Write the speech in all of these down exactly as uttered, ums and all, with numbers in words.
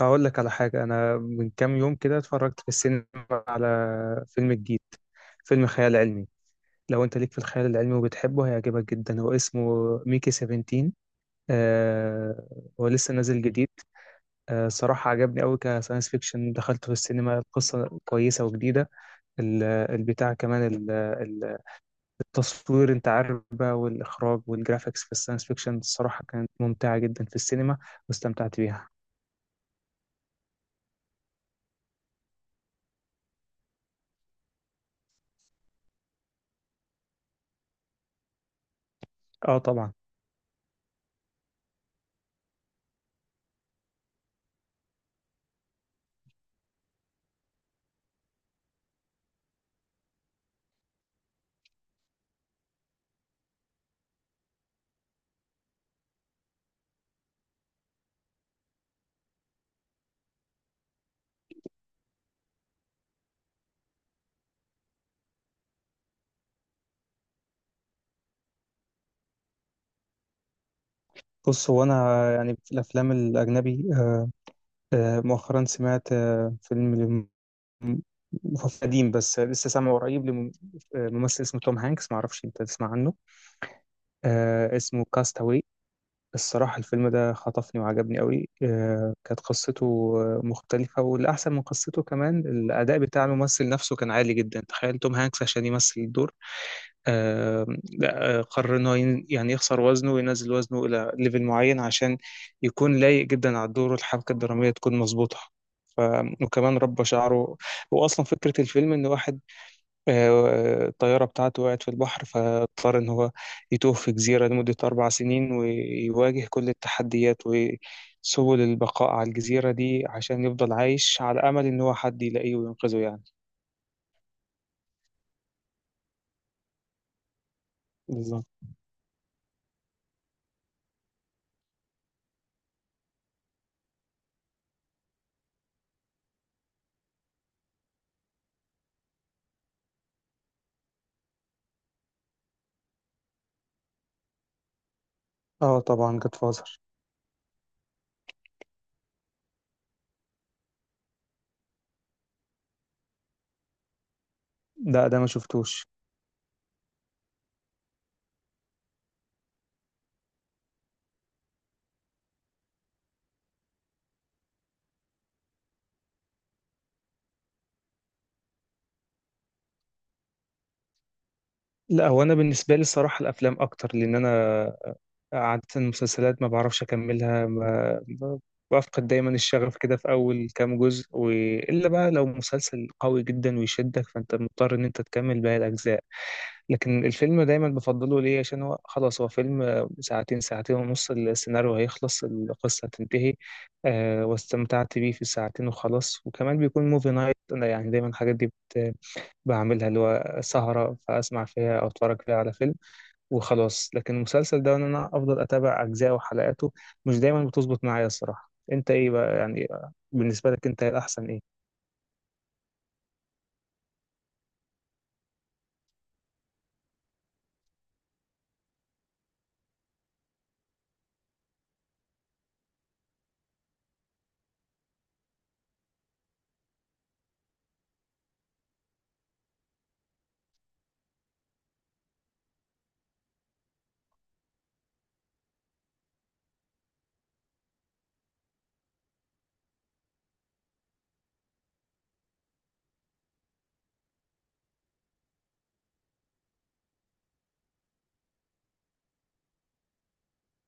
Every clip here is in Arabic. اقول لك على حاجه، انا من كام يوم كده اتفرجت في السينما على فيلم جديد، فيلم خيال علمي. لو انت ليك في الخيال العلمي وبتحبه هيعجبك جدا. هو اسمه ميكي سبعتاشر. آه هو لسه نازل جديد. آه صراحه عجبني قوي كساينس فيكشن، دخلته في السينما. القصه كويسه وجديده. ال- البتاع كمان ال- ال- التصوير، انت عارف بقى، والاخراج والجرافيكس في الساينس فيكشن الصراحه كانت ممتعه جدا في السينما، واستمتعت بيها. اه طبعا. بص، هو انا يعني في الافلام الاجنبي، آه، آه، مؤخرا سمعت آه، فيلم، لم- هو قديم بس لسه سامعه قريب، لممثل اسمه توم هانكس، ما اعرفش انت تسمع عنه. آه، اسمه كاستاوي. الصراحة الفيلم ده خطفني وعجبني قوي، آه، كانت قصته آه، مختلفة، والأحسن من قصته كمان الأداء بتاع الممثل نفسه كان عالي جدا. تخيل توم هانكس عشان يمثل الدور، آه، لا، آه، قرر إن هو ين- يعني يخسر وزنه وينزل وزنه إلى ليفل معين، عشان يكون لايق جدا على الدور والحبكة الدرامية تكون مظبوطة. ف... وكمان ربى شعره. وأصلا فكرة الفيلم إن واحد آه، الطيارة بتاعته وقعت في البحر، فاضطر إن هو يتوه في جزيرة لمدة أربع سنين ويواجه كل التحديات وسبل البقاء على الجزيرة دي، عشان يفضل عايش على أمل إن هو حد يلاقيه وينقذه يعني. بالظبط. اه طبعا جاد فازر. ده ده ما شفتوش. لا، هو انا بالنسبه لي الصراحه الافلام اكتر، لان انا عاده المسلسلات ما بعرفش اكملها، ما ب- بفقد دايما الشغف كده في اول كام جزء. والا بقى لو مسلسل قوي جدا ويشدك، فانت مضطر ان انت تكمل باقي الاجزاء. لكن الفيلم دايما بفضله ليه، عشان هو خلاص هو فيلم ساعتين، ساعتين ونص، السيناريو هيخلص، القصه هتنتهي، آه واستمتعت بيه في الساعتين وخلاص. وكمان بيكون موفي نايت، انا يعني دايما الحاجات دي بعملها، اللي هو سهرة فأسمع فيها أو أتفرج فيها على فيلم وخلاص. لكن المسلسل ده، إن أنا أفضل أتابع أجزاءه وحلقاته مش دايما بتظبط معايا الصراحة. أنت إيه بقى يعني، بالنسبة لك أنت الأحسن إيه؟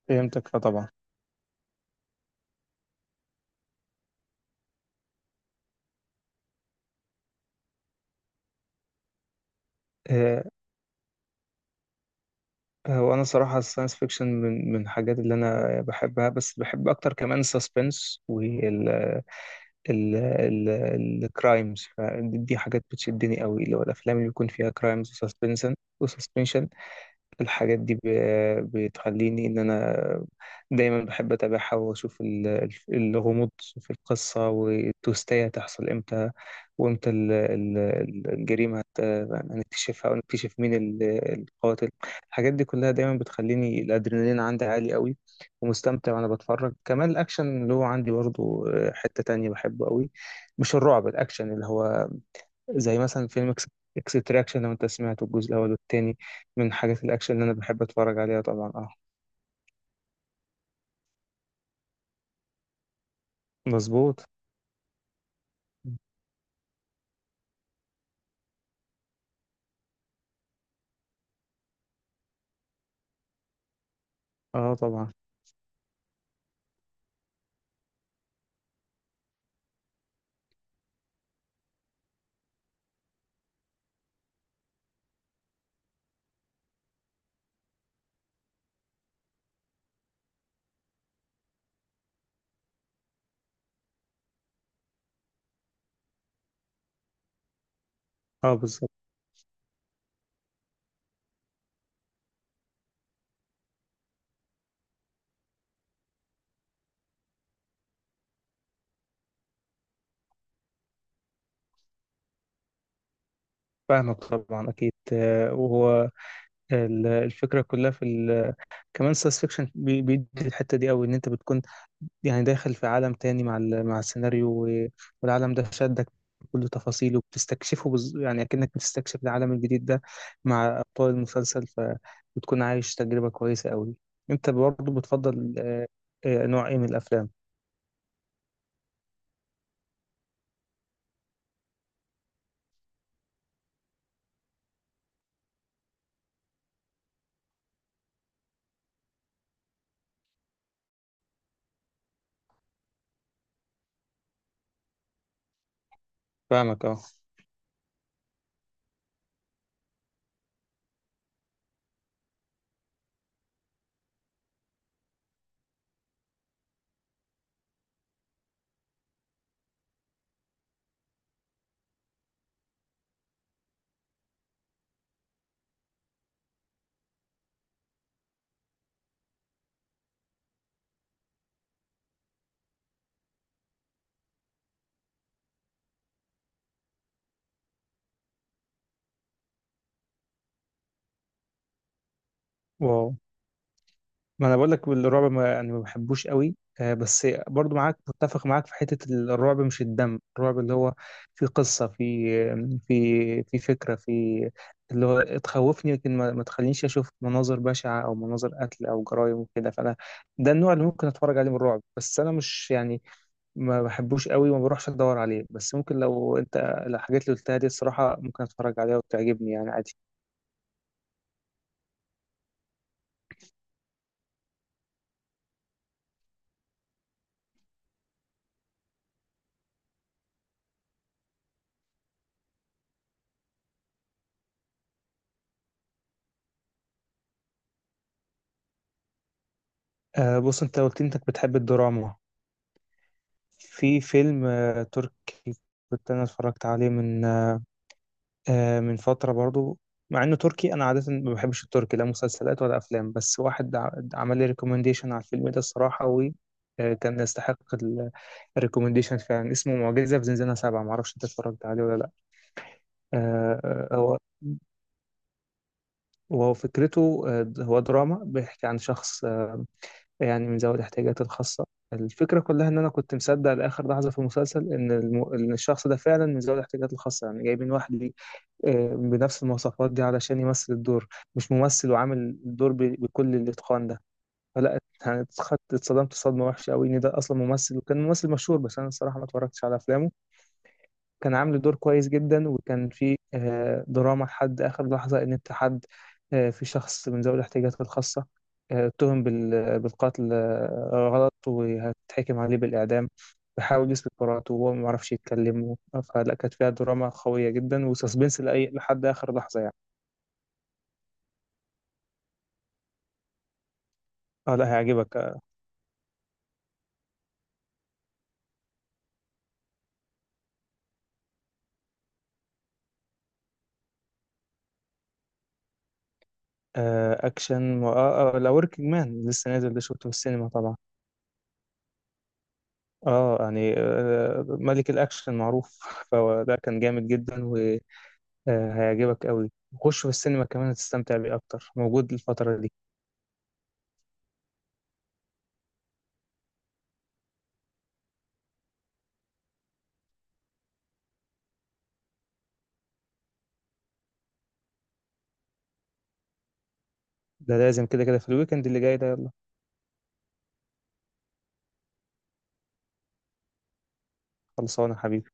فهمتك فطبعا. آه، هو انا صراحه الساينس فيكشن من من الحاجات اللي انا بحبها، بس بحب اكتر كمان السسبنس وال ال ال الكرايمز. فدي دي حاجات بتشدني قوي، اللي هو الافلام اللي بيكون فيها كرايمز وسسبنشن. الحاجات دي ب- بتخليني إن أنا دايما بحب أتابعها وأشوف ال- ال- الغموض في القصة، والتوستاية هتحصل إمتى، وإمتى ال- ال- ال- الجريمة هت- هنكتشفها، ونكتشف مين ال- القاتل. الحاجات دي كلها دايما بتخليني الأدرينالين عندي عالي قوي ومستمتع وأنا بتفرج. كمان الأكشن اللي هو عندي برضه حتة تانية بحبه قوي، مش الرعب، الأكشن اللي هو زي مثلا فيلم اكس اكستراكشن، لو انت سمعته الجزء الاول والتاني، من حاجات الاكشن اللي انا بحب اتفرج عليها طبعا. اه. مظبوط. اه طبعا. اه بالظبط. فاهمك طبعا اكيد. آه، وهو ال- الفكره كلها في ال... كمان ساينس فيكشن بيدي الحته دي قوي، ان انت بتكون يعني داخل في عالم تاني مع ال- مع السيناريو و- والعالم ده شدك بكل تفاصيله، بتستكشفه بز... يعني أكنك بتستكشف العالم الجديد ده مع أبطال المسلسل، فبتكون عايش تجربة كويسة أوي. أنت برضه بتفضل آه، آه، نوع إيه من الأفلام؟ فاهمك أه. واو، ما انا بقول لك الرعب ما يعني ما بحبوش قوي، آه، بس برضو معاك، متفق معاك في حتة الرعب مش الدم، الرعب اللي هو في قصة، في في في فكرة، في اللي هو تخوفني، لكن ما, ما تخلينيش اشوف مناظر بشعة او مناظر قتل او جرائم وكده. فانا ده النوع اللي ممكن اتفرج عليه من الرعب، بس انا مش يعني، ما بحبوش قوي وما بروحش ادور عليه. بس ممكن لو انت الحاجات اللي قلتها دي الصراحة ممكن اتفرج عليها وتعجبني يعني عادي. آه، بص، انت قلت انك بتحب الدراما، في فيلم آه، تركي كنت انا اتفرجت عليه من آه، من فترة برضو. مع انه تركي، انا عادة ما بحبش التركي، لا مسلسلات ولا افلام، بس واحد ع- عمل لي ريكومنديشن على الفيلم ده الصراحة، وكان يستحق الريكومنديشن فعلا. اسمه معجزة في زنزانة سبعة، معرفش انت اتفرجت عليه ولا لا. آه، آه، هو وهو فكرته، آه، هو دراما بيحكي عن شخص يعني من ذوي الاحتياجات الخاصة. الفكرة كلها إن أنا كنت مصدق لآخر لحظة في المسلسل إن الم... إن الشخص ده فعلا من ذوي الاحتياجات الخاصة، يعني جايبين واحد ليه آه، بنفس المواصفات دي علشان يمثل الدور، مش ممثل وعامل الدور ب... بكل الإتقان ده. فلا، يعني اتخدت- اتصدمت صدمة وحشة أوي إن ده أصلا ممثل، وكان ممثل مشهور بس أنا الصراحة ما اتفرجتش على أفلامه. كان عامل دور كويس جدا، وكان في آه، دراما لحد آخر لحظة، إن أنت حد، آه، في شخص من ذوي الاحتياجات الخاصة آه، اتهم بال- بالقتل آه، غلط، وهتحكم عليه بالإعدام، بيحاول يثبت براءته وهو ما يعرفش يتكلم. فلا كانت فيها دراما قوية جدا وسسبنس لأي لحد آخر لحظة يعني. اه لا هيعجبك. آه، أكشن و... آه آه، لا، وركينج مان لسه نازل، ده شفته في السينما طبعا. اه يعني آه، ملك الأكشن معروف، فده كان جامد جدا. آه، هيعجبك قوي، وخش في السينما كمان هتستمتع بيه اكتر، موجود الفترة دي. ده لازم كده كده في الويكند اللي جاي ده، يلا. خلصانة حبيبي.